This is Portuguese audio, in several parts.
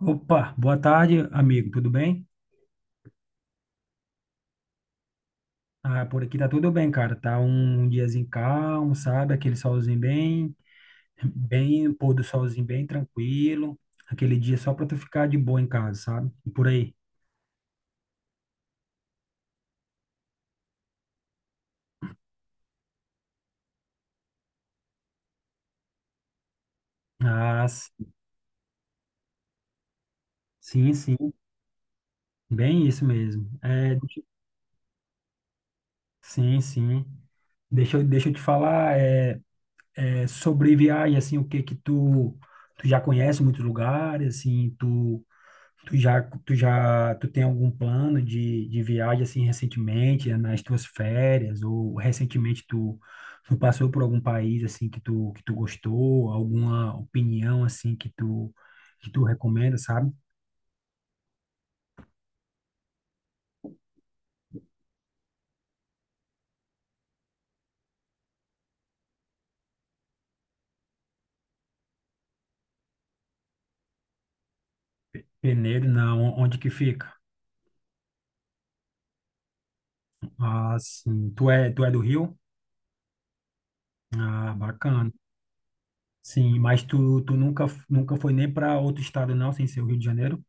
Opa, boa tarde, amigo, tudo bem? Ah, por aqui tá tudo bem, cara. Tá um diazinho calmo, sabe? Aquele solzinho bem, pôr do solzinho bem tranquilo. Aquele dia só pra tu ficar de boa em casa, sabe? E por aí. Ah, s- sim, sim, bem isso mesmo. Sim, sim. Deixa eu te falar, sobre viagem, assim, o que que tu já conhece muitos lugares, assim, tu tem algum plano de viagem assim recentemente, nas tuas férias, ou recentemente tu passou por algum país assim que tu gostou, alguma opinião assim que tu recomenda, sabe? Peneiro, não, onde que fica? Ah, sim, tu é do Rio? Ah, bacana. Sim, mas tu nunca, nunca foi nem para outro estado não, sem ser o Rio de Janeiro?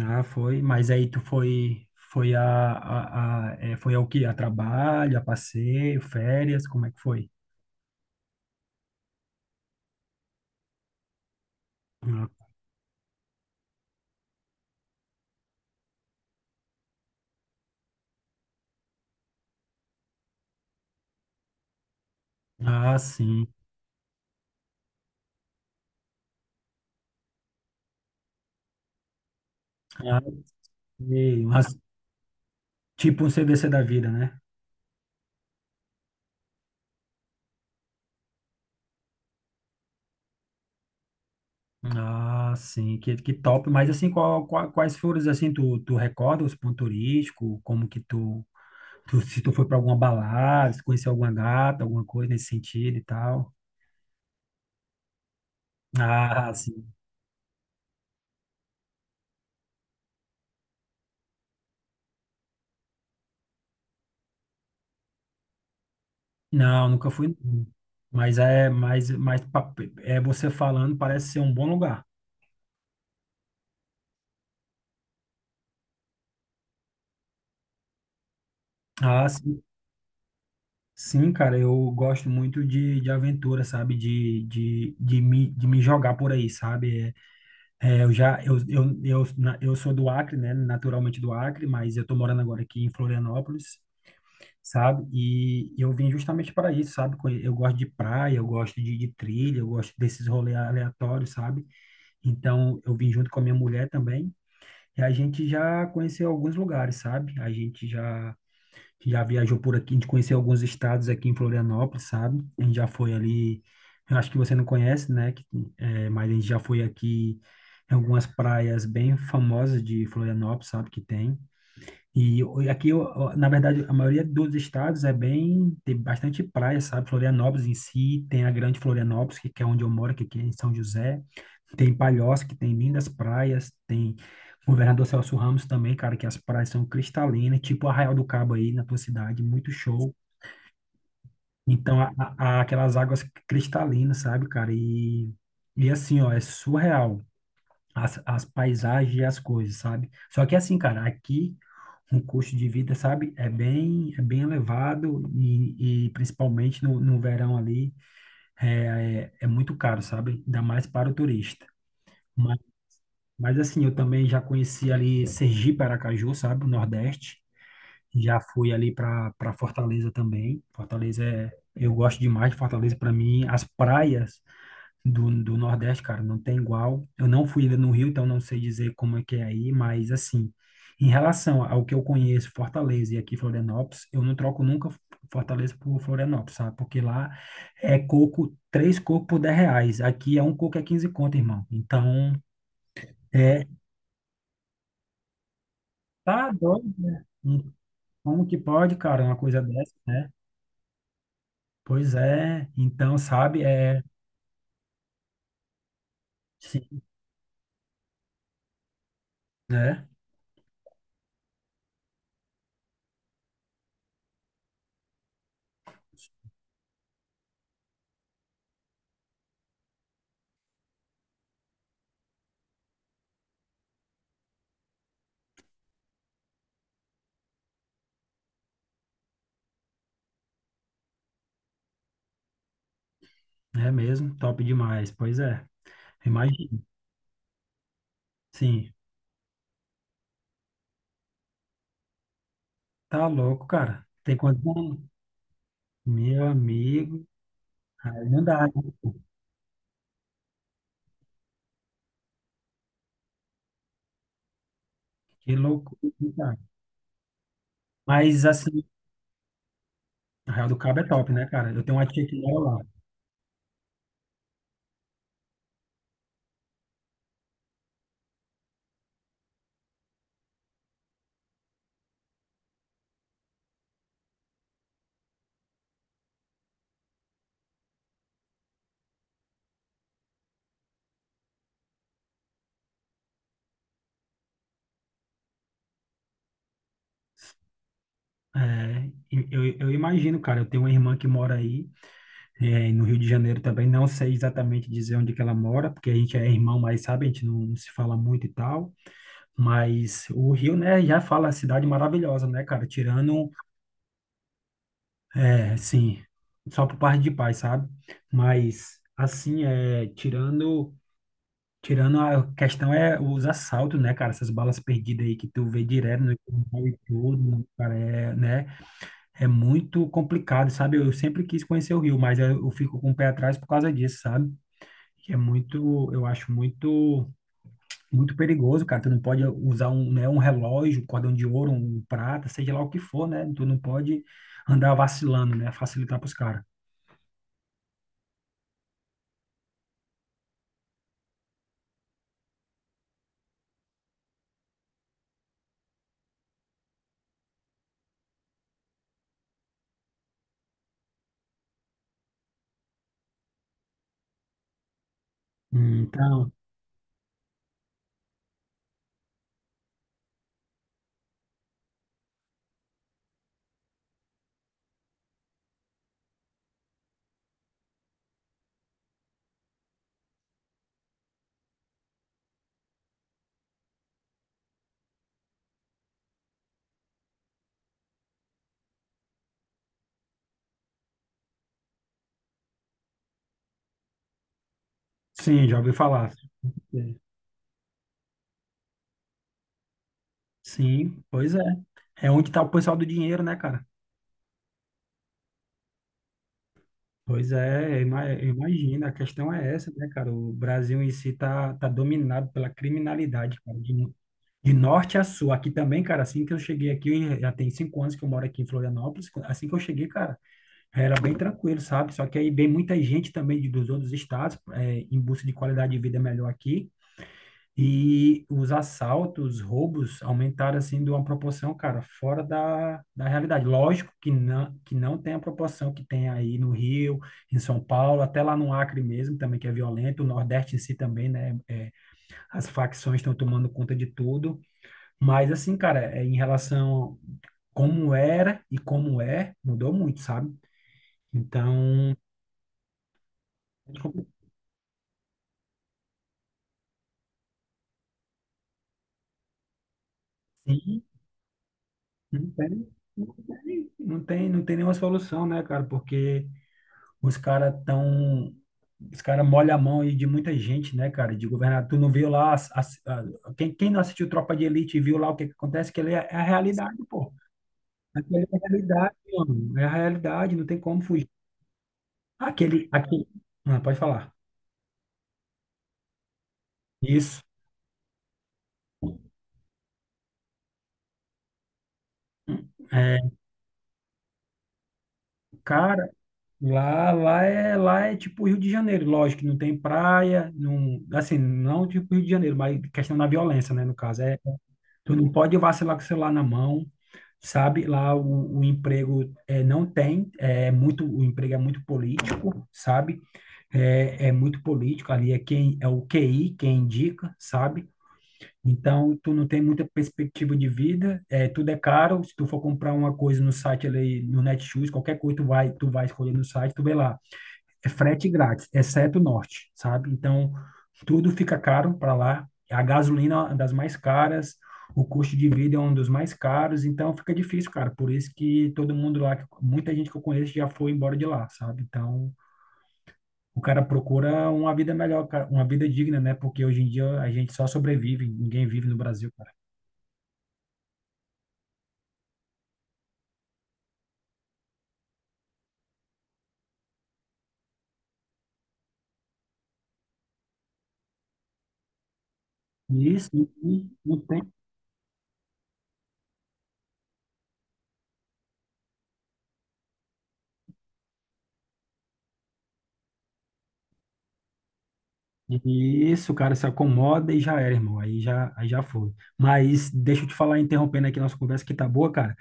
Ah, foi, mas aí tu foi a, foi ao quê? A trabalho, a passeio, férias, como é que foi? Ah, ah, sim. Ah, sei, tipo um CDC da vida, né? Ah, sim, que top. Mas assim, quais foram, assim, tu recorda os pontos turísticos? Como que se tu foi para alguma balada, se conheceu alguma gata, alguma coisa nesse sentido e tal? Ah, sim. Não, nunca fui. Não. Mas é, mas, mas pa- É você falando, parece ser um bom lugar. Ah, sim, sim, cara, eu gosto muito de aventura, sabe? De me jogar por aí, sabe? Eu já, eu, na- eu sou do Acre, né? Naturalmente do Acre, mas eu tô morando agora aqui em Florianópolis, sabe? E eu vim justamente para isso, sabe? Eu gosto de praia, eu gosto de trilha, eu gosto desses rolês aleatórios, sabe? Então, eu vim junto com a minha mulher também. E a gente já conheceu alguns lugares, sabe? A gente já viajou por aqui, a gente conheceu alguns estados aqui em Florianópolis, sabe? A gente já foi ali, eu acho que você não conhece, né? Mas a gente já foi aqui em algumas praias bem famosas de Florianópolis, sabe? Que tem. E aqui, na verdade, a maioria dos estados tem bastante praia, sabe? Florianópolis em si, tem a Grande Florianópolis, que é onde eu moro, que aqui é em São José. Tem Palhoça, que tem lindas praias, tem Governador Celso Ramos também, cara, que as praias são cristalinas, tipo Arraial do Cabo aí na tua cidade, muito show. Então, aquelas águas cristalinas, sabe, cara? E assim, ó, é surreal as paisagens e as coisas, sabe? Só que assim, cara, aqui o custo de vida, sabe, é bem elevado e principalmente no verão ali é muito caro, sabe? Ainda mais para o turista. Mas assim, eu também já conheci ali Sergipe, Aracaju, sabe? O Nordeste. Já fui ali para Fortaleza também. Eu gosto demais de Fortaleza. Para mim, as praias do, do Nordeste, cara, não tem igual. Eu não fui ainda no Rio, então não sei dizer como é que é aí, mas assim, em relação ao que eu conheço, Fortaleza e aqui Florianópolis, eu não troco nunca Fortaleza por Florianópolis, sabe? Porque lá é coco, três cocos por R$ 10. Aqui um coco é 15 conto, irmão. Então, é tá doido, né? Como que pode, cara, uma coisa dessa, né? Pois é, então, sabe, sim, né? É mesmo, top demais, pois é. Imagina, sim, tá louco, cara. Tem quantos anos? Meu amigo, aí não dá, né? Que loucura, cara. Mas, assim, Arraial do Cabo é top, né, cara? Eu tenho uma tia que mora lá. É, e eu imagino, cara, eu tenho uma irmã que mora aí. É, e no Rio de Janeiro também, não sei exatamente dizer onde que ela mora, porque a gente é irmão, mas sabe, a gente não se fala muito e tal. Mas o Rio, né, já fala cidade maravilhosa, né, cara? Tirando, assim, só por parte de pai, sabe? Mas, assim, tirando, tirando a questão é os assaltos, né, cara? Essas balas perdidas aí que tu vê direto no jornal e tudo, cara, é, né? É muito complicado, sabe? Eu sempre quis conhecer o Rio, mas eu fico com o pé atrás por causa disso, sabe? Que é muito, eu acho muito, muito perigoso, cara. Tu não pode usar um, né, um relógio, um cordão de ouro, um prata, seja lá o que for, né? Tu não pode andar vacilando, né? Facilitar pros caras. Então, sim, já ouvi falar. Sim, pois é. É onde tá o pessoal do dinheiro, né, cara? Pois é, imagina, a questão é essa, né, cara? O Brasil em si tá dominado pela criminalidade, cara. De norte a sul, aqui também, cara, assim que eu cheguei aqui, eu já tem 5 anos que eu moro aqui em Florianópolis, assim que eu cheguei, cara, era bem tranquilo, sabe? Só que aí vem muita gente também dos outros estados, em busca de qualidade de vida melhor aqui, e os assaltos, os roubos aumentaram, assim, de uma proporção, cara, fora da, da realidade. Lógico que não tem a proporção que tem aí no Rio, em São Paulo, até lá no Acre mesmo, também, que é violento, o Nordeste em si também, né? É, as facções estão tomando conta de tudo, mas assim, cara, é em relação a como era e como é, mudou muito, sabe? Então, sim, não tem, não tem nenhuma solução, né, cara? Porque os caras tão, os caras molham a mão aí de muita gente, né, cara? De governador. Tu não viu lá, quem não assistiu Tropa de Elite e viu lá o que que acontece, que ele é a realidade, pô. Aquele é a realidade, mano. É a realidade, não tem como fugir. Aquele, aquele, ah, pode falar. Isso. É, cara, lá é tipo Rio de Janeiro, lógico, que não tem praia, não, assim, não tipo Rio de Janeiro, mas questão da violência, né, no caso, tu não pode vacilar com o celular na mão, sabe? Lá o emprego é, não tem, é muito, o emprego é muito político, sabe? É muito político, ali é o QI, quem indica, sabe? Então, tu não tem muita perspectiva de vida, tudo é caro, se tu for comprar uma coisa no site ali, no Netshoes, qualquer coisa tu vai escolher no site, tu vê lá, é frete grátis, exceto o norte, sabe? Então, tudo fica caro para lá. A gasolina é uma das mais caras, o custo de vida é um dos mais caros, então fica difícil, cara. Por isso que todo mundo lá, muita gente que eu conheço já foi embora de lá, sabe? Então, o cara procura uma vida melhor, cara, uma vida digna, né? Porque hoje em dia a gente só sobrevive, ninguém vive no Brasil, cara. Isso, e não tem. Isso, o cara se acomoda e já era, irmão. Aí já foi. Mas deixa eu te falar, interrompendo aqui nossa conversa, que tá boa, cara.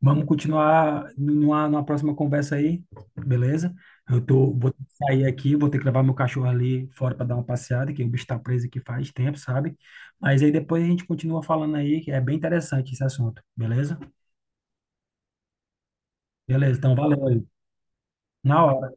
Vamos continuar numa, numa próxima conversa aí, beleza? Vou ter que sair aqui, vou ter que levar meu cachorro ali fora para dar uma passeada, que o bicho tá preso aqui faz tempo, sabe? Mas aí depois a gente continua falando aí, que é bem interessante esse assunto, beleza? Beleza, então valeu aí. Na hora.